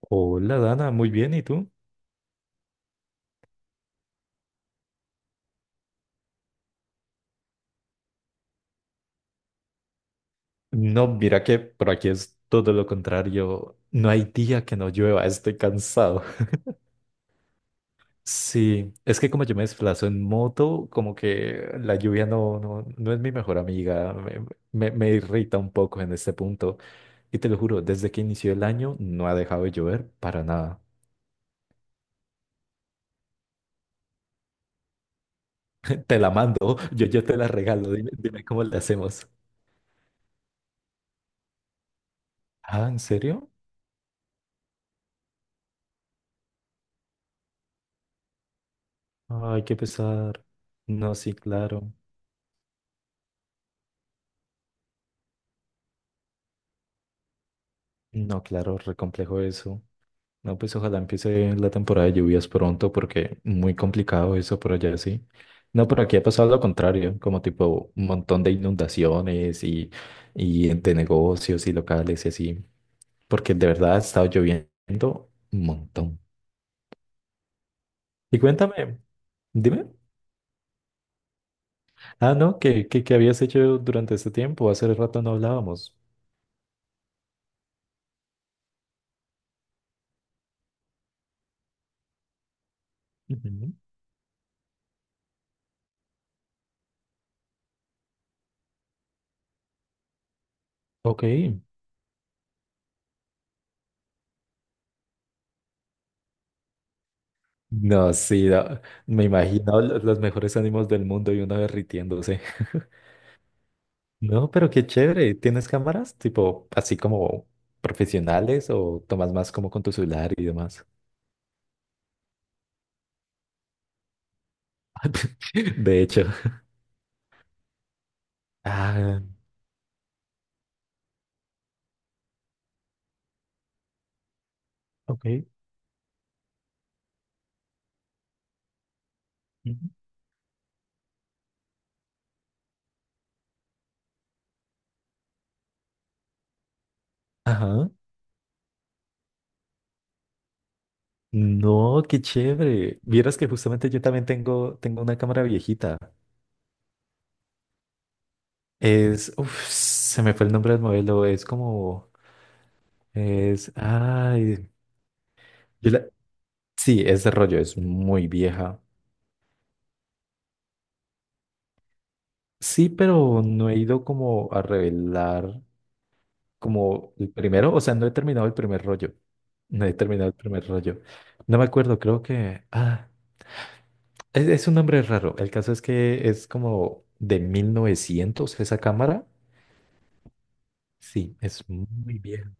Hola Dana, muy bien, ¿y tú? No, mira que por aquí es todo lo contrario. No hay día que no llueva, estoy cansado. Sí, es que como yo me desplazo en moto, como que la lluvia no es mi mejor amiga, me irrita un poco en este punto. Y te lo juro, desde que inició el año no ha dejado de llover para nada. Te la mando, yo te la regalo, dime cómo le hacemos. Ah, ¿en serio? Ay, qué pesar. No, sí, claro. No, claro, re complejo eso. No, pues ojalá empiece la temporada de lluvias pronto porque muy complicado eso por allá, sí. No, por aquí ha pasado lo contrario, como tipo un montón de inundaciones y de negocios y locales y así, porque de verdad ha estado lloviendo un montón. Y cuéntame, dime. Ah, no, ¿qué habías hecho durante este tiempo? Hace rato no hablábamos. Ujú. Ok. No, sí, no, me imagino los mejores ánimos del mundo y una derritiéndose. No, pero qué chévere. ¿Tienes cámaras tipo así como profesionales o tomas más como con tu celular y demás? De hecho. Ah, Ok. Ujú. Ajá. No, qué chévere. Vieras que justamente yo también tengo una cámara viejita. Es, uf, se me fue el nombre del modelo. Es como, es, ay, yo la- Sí, es de rollo, es muy vieja. Sí, pero no he ido como a revelar. Como el primero, o sea, no he terminado el primer rollo. No he terminado el primer rollo. No me acuerdo, creo que... Ah, es un nombre raro. El caso es que es como de 1900 esa cámara. Sí, es muy vieja.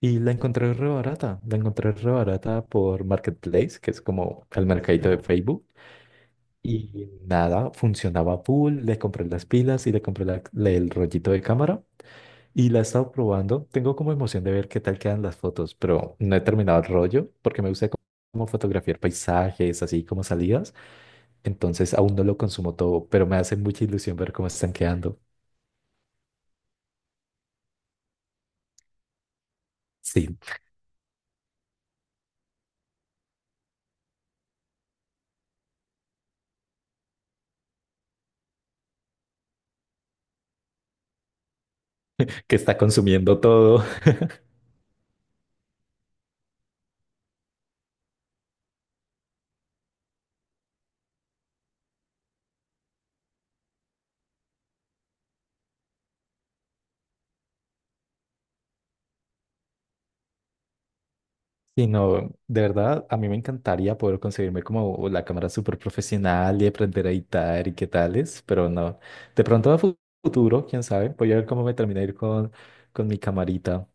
Y la encontré re barata. La encontré re barata por Marketplace, que es como el mercadito de Facebook. Y nada, funcionaba full. Le compré las pilas y le compré el rollito de cámara. Y la he estado probando. Tengo como emoción de ver qué tal quedan las fotos, pero no he terminado el rollo porque me gusta como fotografiar paisajes, así como salidas. Entonces aún no lo consumo todo, pero me hace mucha ilusión ver cómo están quedando. Sí, que está consumiendo todo. Sí, no, de verdad, a mí me encantaría poder conseguirme como la cámara súper profesional y aprender a editar y qué tales, pero no. De pronto a futuro, quién sabe, voy a ver cómo me termina de ir con mi camarita.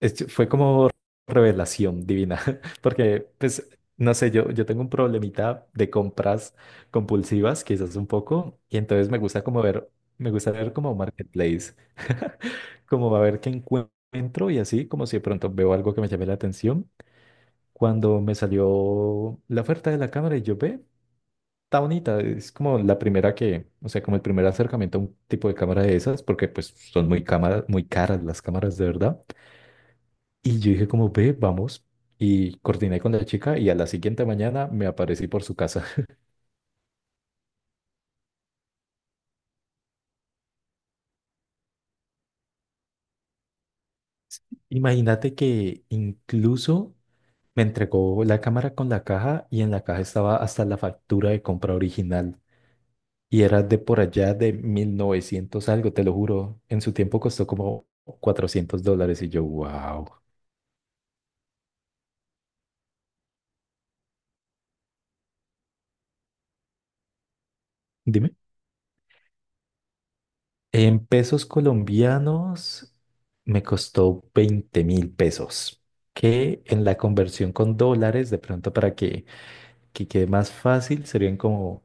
Fue como revelación divina, porque pues no sé, yo tengo un problemita de compras compulsivas, quizás un poco, y entonces me gusta como ver, me gusta ver como marketplace, como a ver qué encuentro y así, como si de pronto veo algo que me llame la atención. Cuando me salió la oferta de la cámara y yo ve, está bonita, es como la primera que, o sea, como el primer acercamiento a un tipo de cámara de esas, porque pues son muy caras las cámaras de verdad. Y yo dije como, ve, vamos. Y coordiné con la chica y a la siguiente mañana me aparecí por su casa. Imagínate que incluso me entregó la cámara con la caja y en la caja estaba hasta la factura de compra original. Y era de por allá de 1900 algo, te lo juro. En su tiempo costó como $400 y yo, wow. Dime. En pesos colombianos me costó 20.000 pesos que en la conversión con dólares, de pronto para que quede más fácil, serían como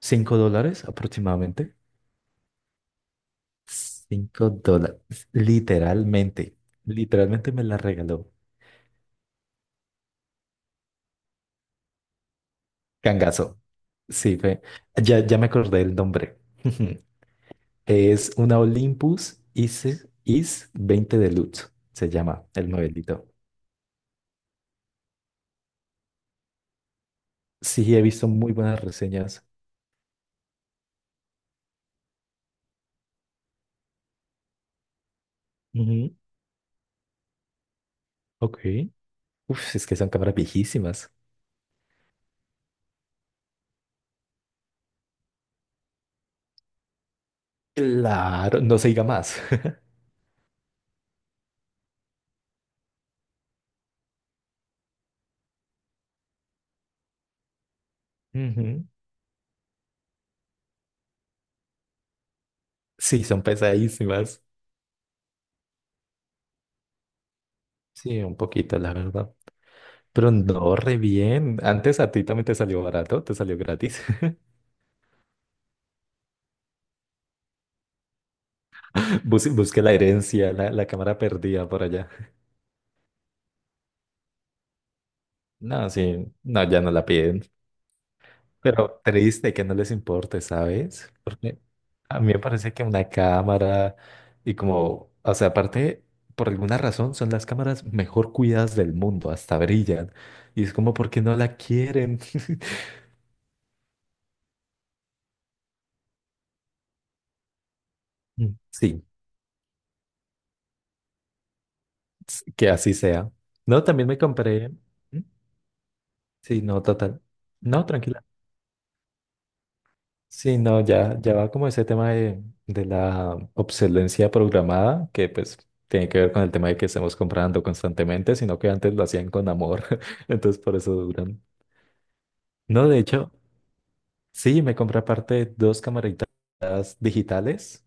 $5 aproximadamente. $5, literalmente, literalmente me la regaló. Cangazo. Sí, ya, me acordé el nombre. Es una Olympus IS 20 Deluxe, se llama el modelito. Sí, he visto muy buenas reseñas. Ujú, Ok. Uf, es que son cámaras viejísimas. Claro, no se diga más. Ujú. Sí, son pesadísimas. Sí, un poquito, la verdad. Pero no, re bien. Antes a ti también te salió barato, te salió gratis. Busqué la herencia, la cámara perdida por allá. No, sí, no, ya no la piden. Pero triste que no les importe, ¿sabes? Porque a mí me parece que una cámara y como, o sea, aparte, por alguna razón son las cámaras mejor cuidadas del mundo, hasta brillan. Y es como, porque no la quieren? Mm. Sí, que así sea. No, también me compré. ¿Mm? Sí, no, total. No, tranquila. Sí, no, ya, ya va como ese tema de la obsolescencia programada, que pues tiene que ver con el tema de que estemos comprando constantemente, sino que antes lo hacían con amor, entonces por eso duran. No, de hecho, sí, me compré aparte dos camaritas digitales,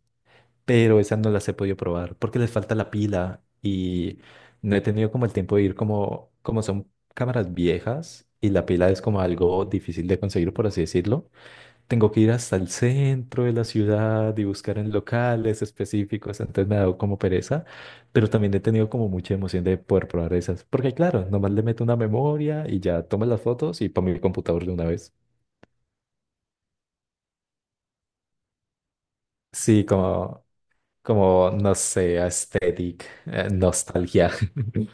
pero esas no las he podido probar porque les falta la pila y no he tenido como el tiempo de ir como, como son cámaras viejas y la pila es como algo difícil de conseguir, por así decirlo. Tengo que ir hasta el centro de la ciudad y buscar en locales específicos, entonces me ha dado como pereza, pero también he tenido como mucha emoción de poder probar esas, porque claro, nomás le meto una memoria y ya tomo las fotos y pongo mi computador de una vez. Sí, como, como, no sé, aesthetic, nostalgia.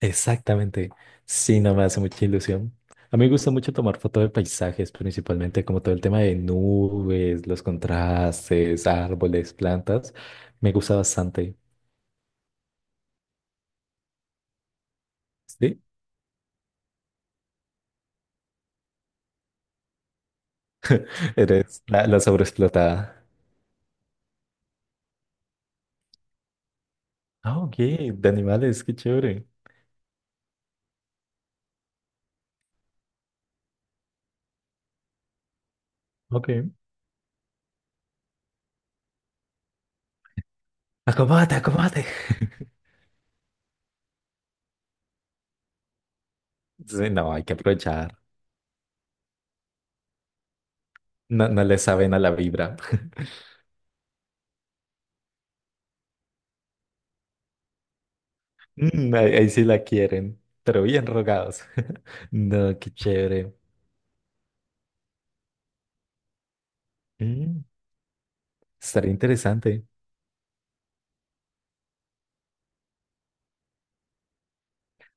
Exactamente. Sí, no me hace mucha ilusión. A mí me gusta mucho tomar fotos de paisajes, principalmente como todo el tema de nubes, los contrastes, árboles, plantas. Me gusta bastante. Sí, eres la sobreexplotada. Ah, ok, de animales, qué chévere. Ok. Acomódate, acomódate. Sí, no, hay que aprovechar. No, no le saben a la vibra. Mm, ahí, ahí sí la quieren, pero bien rogados. No, qué chévere. Mm, estaría interesante.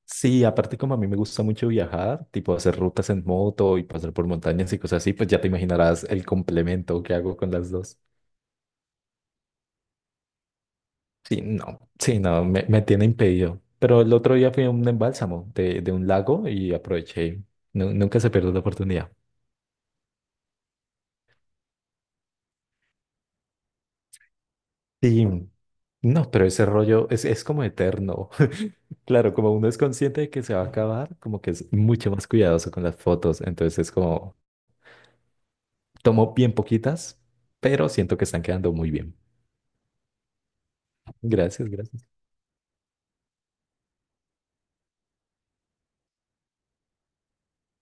Sí, aparte como a mí me gusta mucho viajar, tipo hacer rutas en moto y pasar por montañas y cosas así, pues ya te imaginarás el complemento que hago con las dos. Sí, no, sí, no, me tiene impedido. Pero el otro día fui a un embálsamo de un lago y aproveché. Nunca se pierde la oportunidad. Sí, no, pero ese rollo es como eterno. Claro, como uno es consciente de que se va a acabar, como que es mucho más cuidadoso con las fotos. Entonces es como, tomo bien poquitas, pero siento que están quedando muy bien. Gracias, gracias.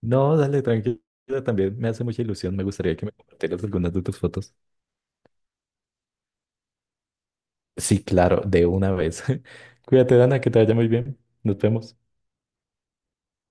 No, dale, tranquila, también me hace mucha ilusión. Me gustaría que me compartieras algunas de tus fotos. Sí, claro, de una vez. Cuídate, Dana, que te vaya muy bien. Nos vemos.